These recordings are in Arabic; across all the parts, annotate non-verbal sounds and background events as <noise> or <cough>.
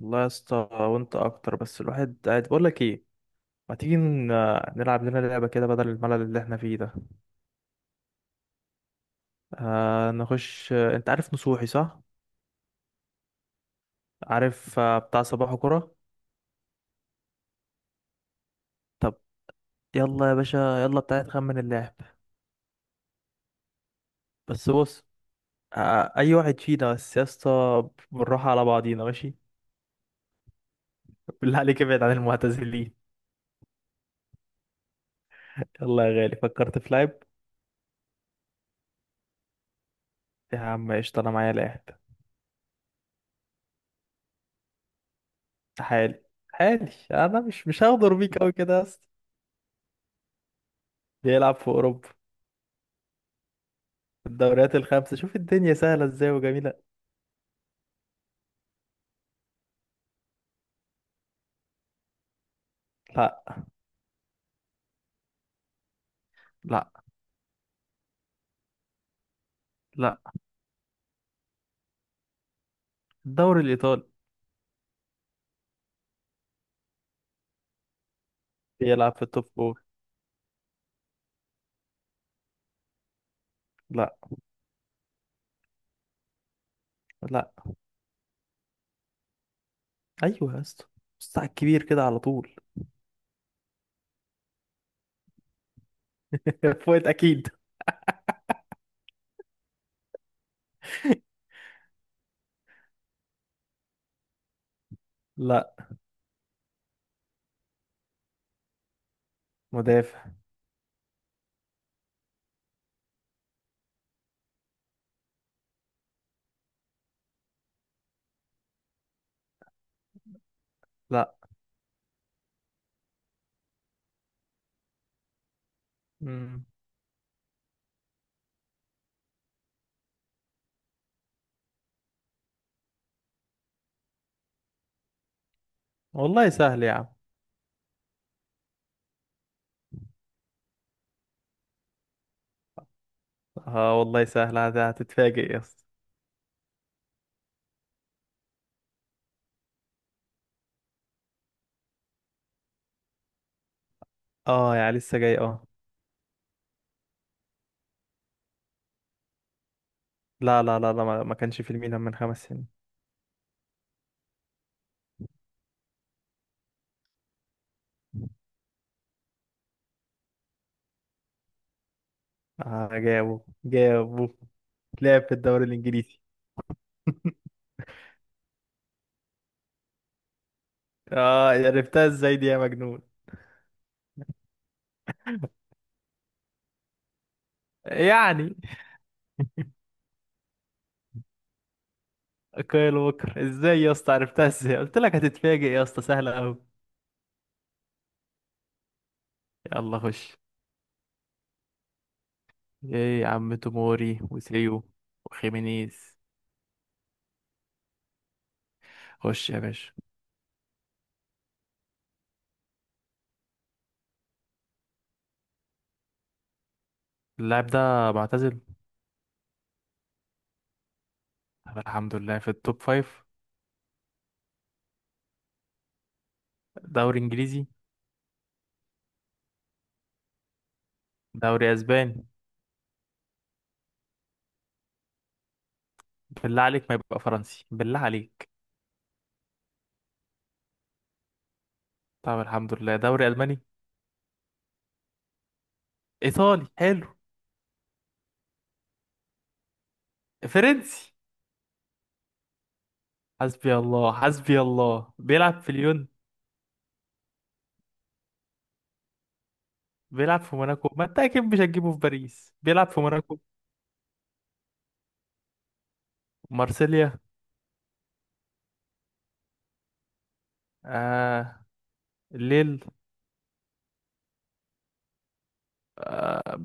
والله يا اسطى وانت اكتر. بس الواحد قاعد بقول لك ايه؟ ما تيجي نلعب لنا لعبه كده بدل الملل اللي احنا فيه ده؟ آه، نخش. انت عارف نصوحي، صح؟ عارف، بتاع صباح كرة. طب، يلا يا باشا. يلا بتاعي، تخمن اللاعب. بس بص، اي واحد فينا، بس يا اسطى بالراحه على بعضينا، ماشي؟ بالله عليك ابعد عن المعتزلين. يلا يا غالي، فكرت في لاعب. يا عم قشطه، انا معايا لاعب. تعالي، تعالي. انا مش هغدر بيك قوي كده يا اسطى. بيلعب في اوروبا، الدوريات الخمسة. شوف الدنيا سهلة ازاي وجميلة. لا لا لا، الدوري الإيطالي. بيلعب في التوب فور. لا لا، أيوه يا اسطى. بص على الكبير كده على طول. <laughs> فوت أكيد. لا، مدافع. لا. مم. والله سهل يا عم. اه والله سهل، هتتفاجئ يا اسطى. اه، يا لسه جاي، اه. لا لا لا لا، ما كانش في الميلان من 5 سنين. اه، جابه جابه. لعب في الدوري الإنجليزي. اه، عرفتها ازاي دي يا مجنون؟ يعني كايل ووكر؟ ازاي يا اسطى عرفتها؟ ازاي قلت لك هتتفاجئ يا اسطى، سهله قوي. يلا خش. ايه يا عم؟ توموري وسيو وخيمينيز. خش يا باشا. اللاعب ده معتزل. طب الحمد لله، في التوب فايف. دوري انجليزي. دوري اسباني. بالله عليك ما يبقى فرنسي، بالله عليك. طب الحمد لله، دوري الماني. ايطالي، حلو. فرنسي. حسبي الله، حسبي الله. بيلعب في ليون. بيلعب في موناكو. ما انت اكيد مش هتجيبه في باريس، بيلعب في موناكو. مارسيليا. آه، الليل.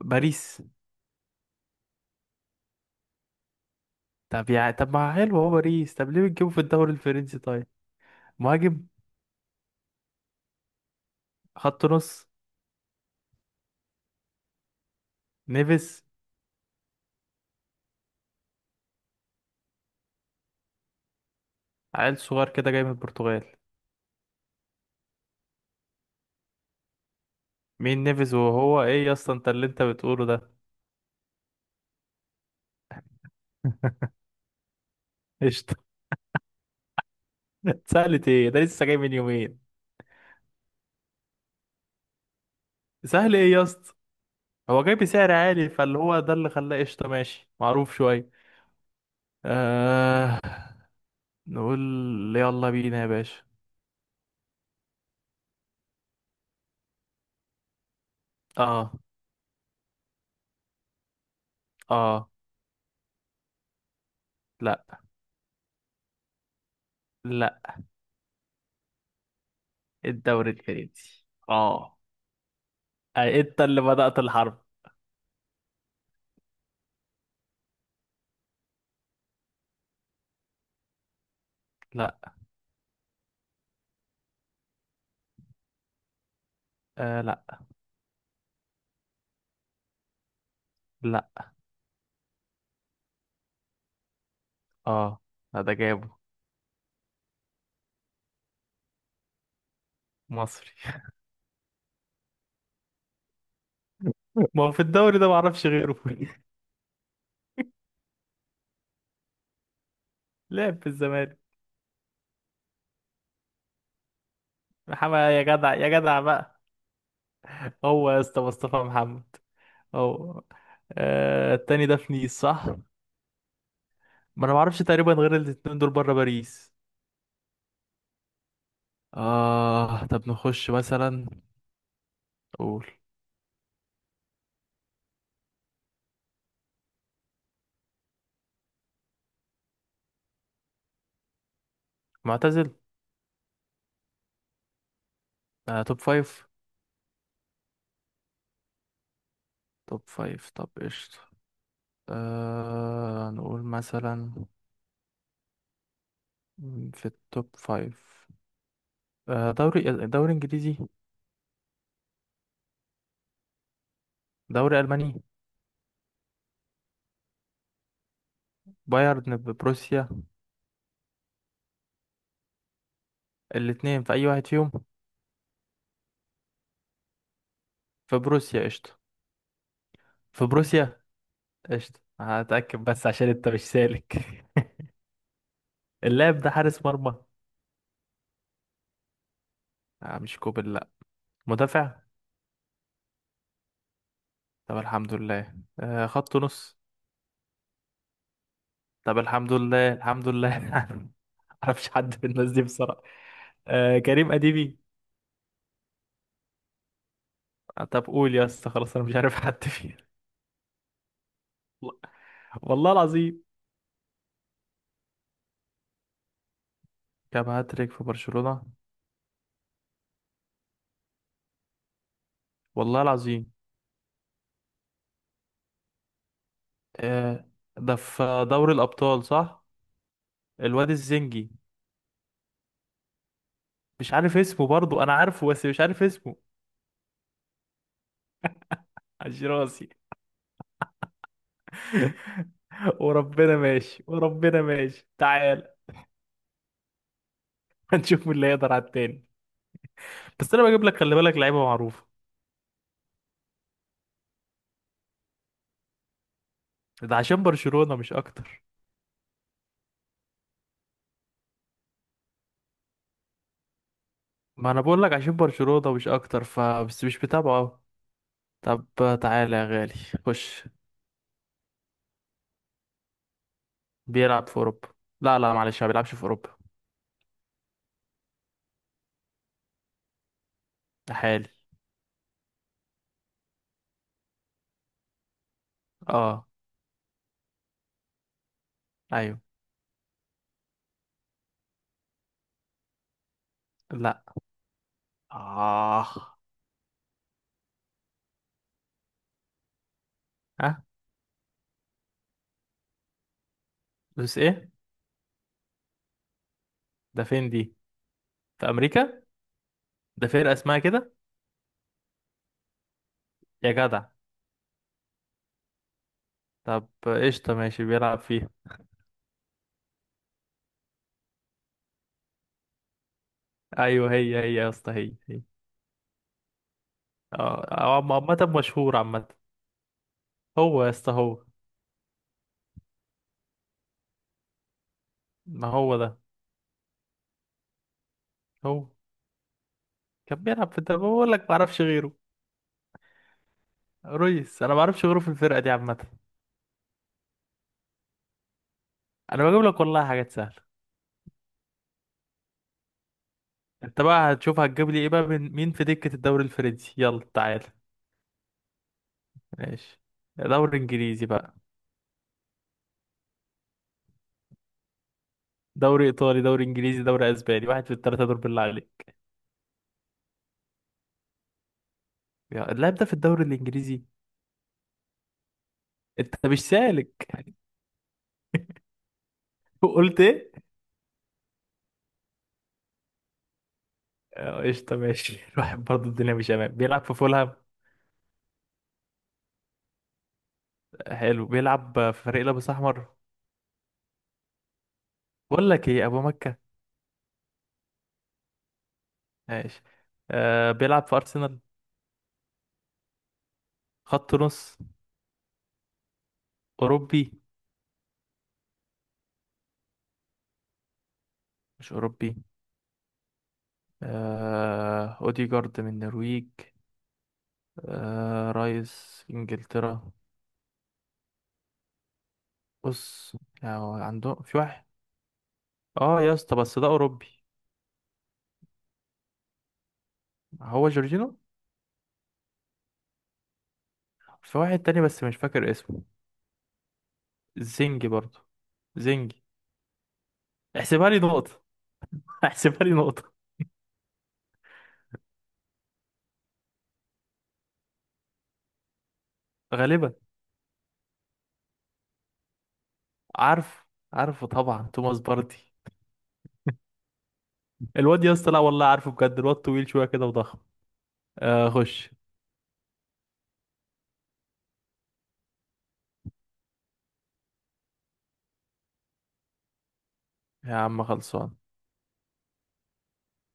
باريس. طب يعني، طب ما حلو هو باريس، طب ليه بتجيبه في الدوري الفرنسي طيب؟ مهاجم. خط نص. نيفيز. عيل صغير كده جاي من البرتغال. مين نيفيز؟ وهو ايه يا اسطى انت اللي انت بتقوله ده؟ قشطة. <laughs> سهلة ايه؟ ده لسه جاي من يومين. سهل ايه يا اسطى؟ هو جاي بسعر عالي، فاللي هو ده اللي خلاه قشطة ماشي، معروف شوية. آه... نقول. يلا بينا يا باشا. اه. اه. لا لا، الدوري الفرنسي اه. أي، انت اللي بدأت الحرب. لا. آه، لا لا. اه. لا، ده جابه. مصري. <laughs> ما هو في الدوري ده معرفش غيره. <laughs> لعب في الزمالك. محمد؟ يا جدع، يا جدع بقى. هو يا اسطى مصطفى محمد. هو. آه، التاني ده في نيس، صح؟ ما انا معرفش تقريبا غير الاتنين دول بره باريس. اه، طب نخش مثلا. قول. معتزل. توب فايف. توب فايف، طب قشطة. نقول مثلا، في التوب فايف. آه، دوري دوري انجليزي. دوري الماني. بايرن ببروسيا. الاتنين، في اي واحد فيهم. في بروسيا، قشطه. في بروسيا. قشطه، هتاكد بس عشان انت مش سالك. <laughs> اللاعب ده حارس مرمى؟ آه مش كوبل، لا. مدافع. طب الحمد لله. خط نص. طب الحمد لله، الحمد لله. <laughs> معرفش حد في الناس دي بصراحه. كريم اديبي. طب قول يا اسطى، خلاص انا مش عارف حد فيه. <laughs> والله العظيم. كام هاتريك في برشلونه؟ والله العظيم. آه، ده في دوري الأبطال، صح؟ الواد الزنجي. مش عارف اسمه، برضو أنا عارفه بس مش عارف اسمه. عش راسي. <laughs> وربنا ماشي، وربنا ماشي، تعال. <laughs> هنشوف مين اللي هيقدر على التاني. بس أنا بجيب لك، خلي بالك لعيبة معروفة. ده عشان برشلونة، مش أكتر. ما أنا بقول لك عشان برشلونة مش أكتر فبس، مش بتابعه أوي. طب، تعالى يا غالي. خش. بيلعب في أوروبا. لا لا، معلش ما بيلعبش في أوروبا. ده حالي. اه. أيوه. لا. آه. ها. بس إيه؟ ده فين دي؟ في امريكا. ده فرقه اسمها كده، يا جدع. طب قشطه ماشي، بيلعب فيها. ايوه، هي هي يا اسطى، هي هي. اه، هو عامه مشهور، عامه. هو يا اسطى، هو. ما هو ده. هو كان بيلعب في الدوري، بقول لك ما اعرفش غيره. ريس. انا ما اعرفش غيره في الفرقه دي عامه. انا بجيب لك والله حاجات سهله. انت بقى هتشوف هتجيب لي ايه بقى من مين في دكه الدوري الفرنسي؟ يلا تعالى. ماشي، دوري انجليزي بقى. دوري ايطالي، دوري انجليزي، دوري اسباني، واحد في الثلاثه دول بالله عليك. اللاعب ده في الدوري الانجليزي. انت مش سالك، قلت ايه؟ اه، قشطه ماشي. <laughs> الواحد برضه الدنيا مش امان. بيلعب في فولهام. حلو، بيلعب في فريق لابس احمر. بقول لك ايه، ابو مكه؟ ماشي. آه، بيلعب في ارسنال. خط نص. اوروبي؟ مش اوروبي. آه، اوديجارد من النرويج. آه، رايس انجلترا. بص، يعني عنده في واحد. اه يا اسطى، بس ده اوروبي. هو جورجينو. في واحد تاني بس مش فاكر اسمه. زنجي برضه. زنجي. احسبها لي نقطة، هحسبها لي نقطة. غالبا. عارف. عارفه طبعا، توماس باردي. الواد يا اسطى، لا والله عارفه بجد. الواد طويل شوية كده وضخم. آه، خش. يا عم، خلصان.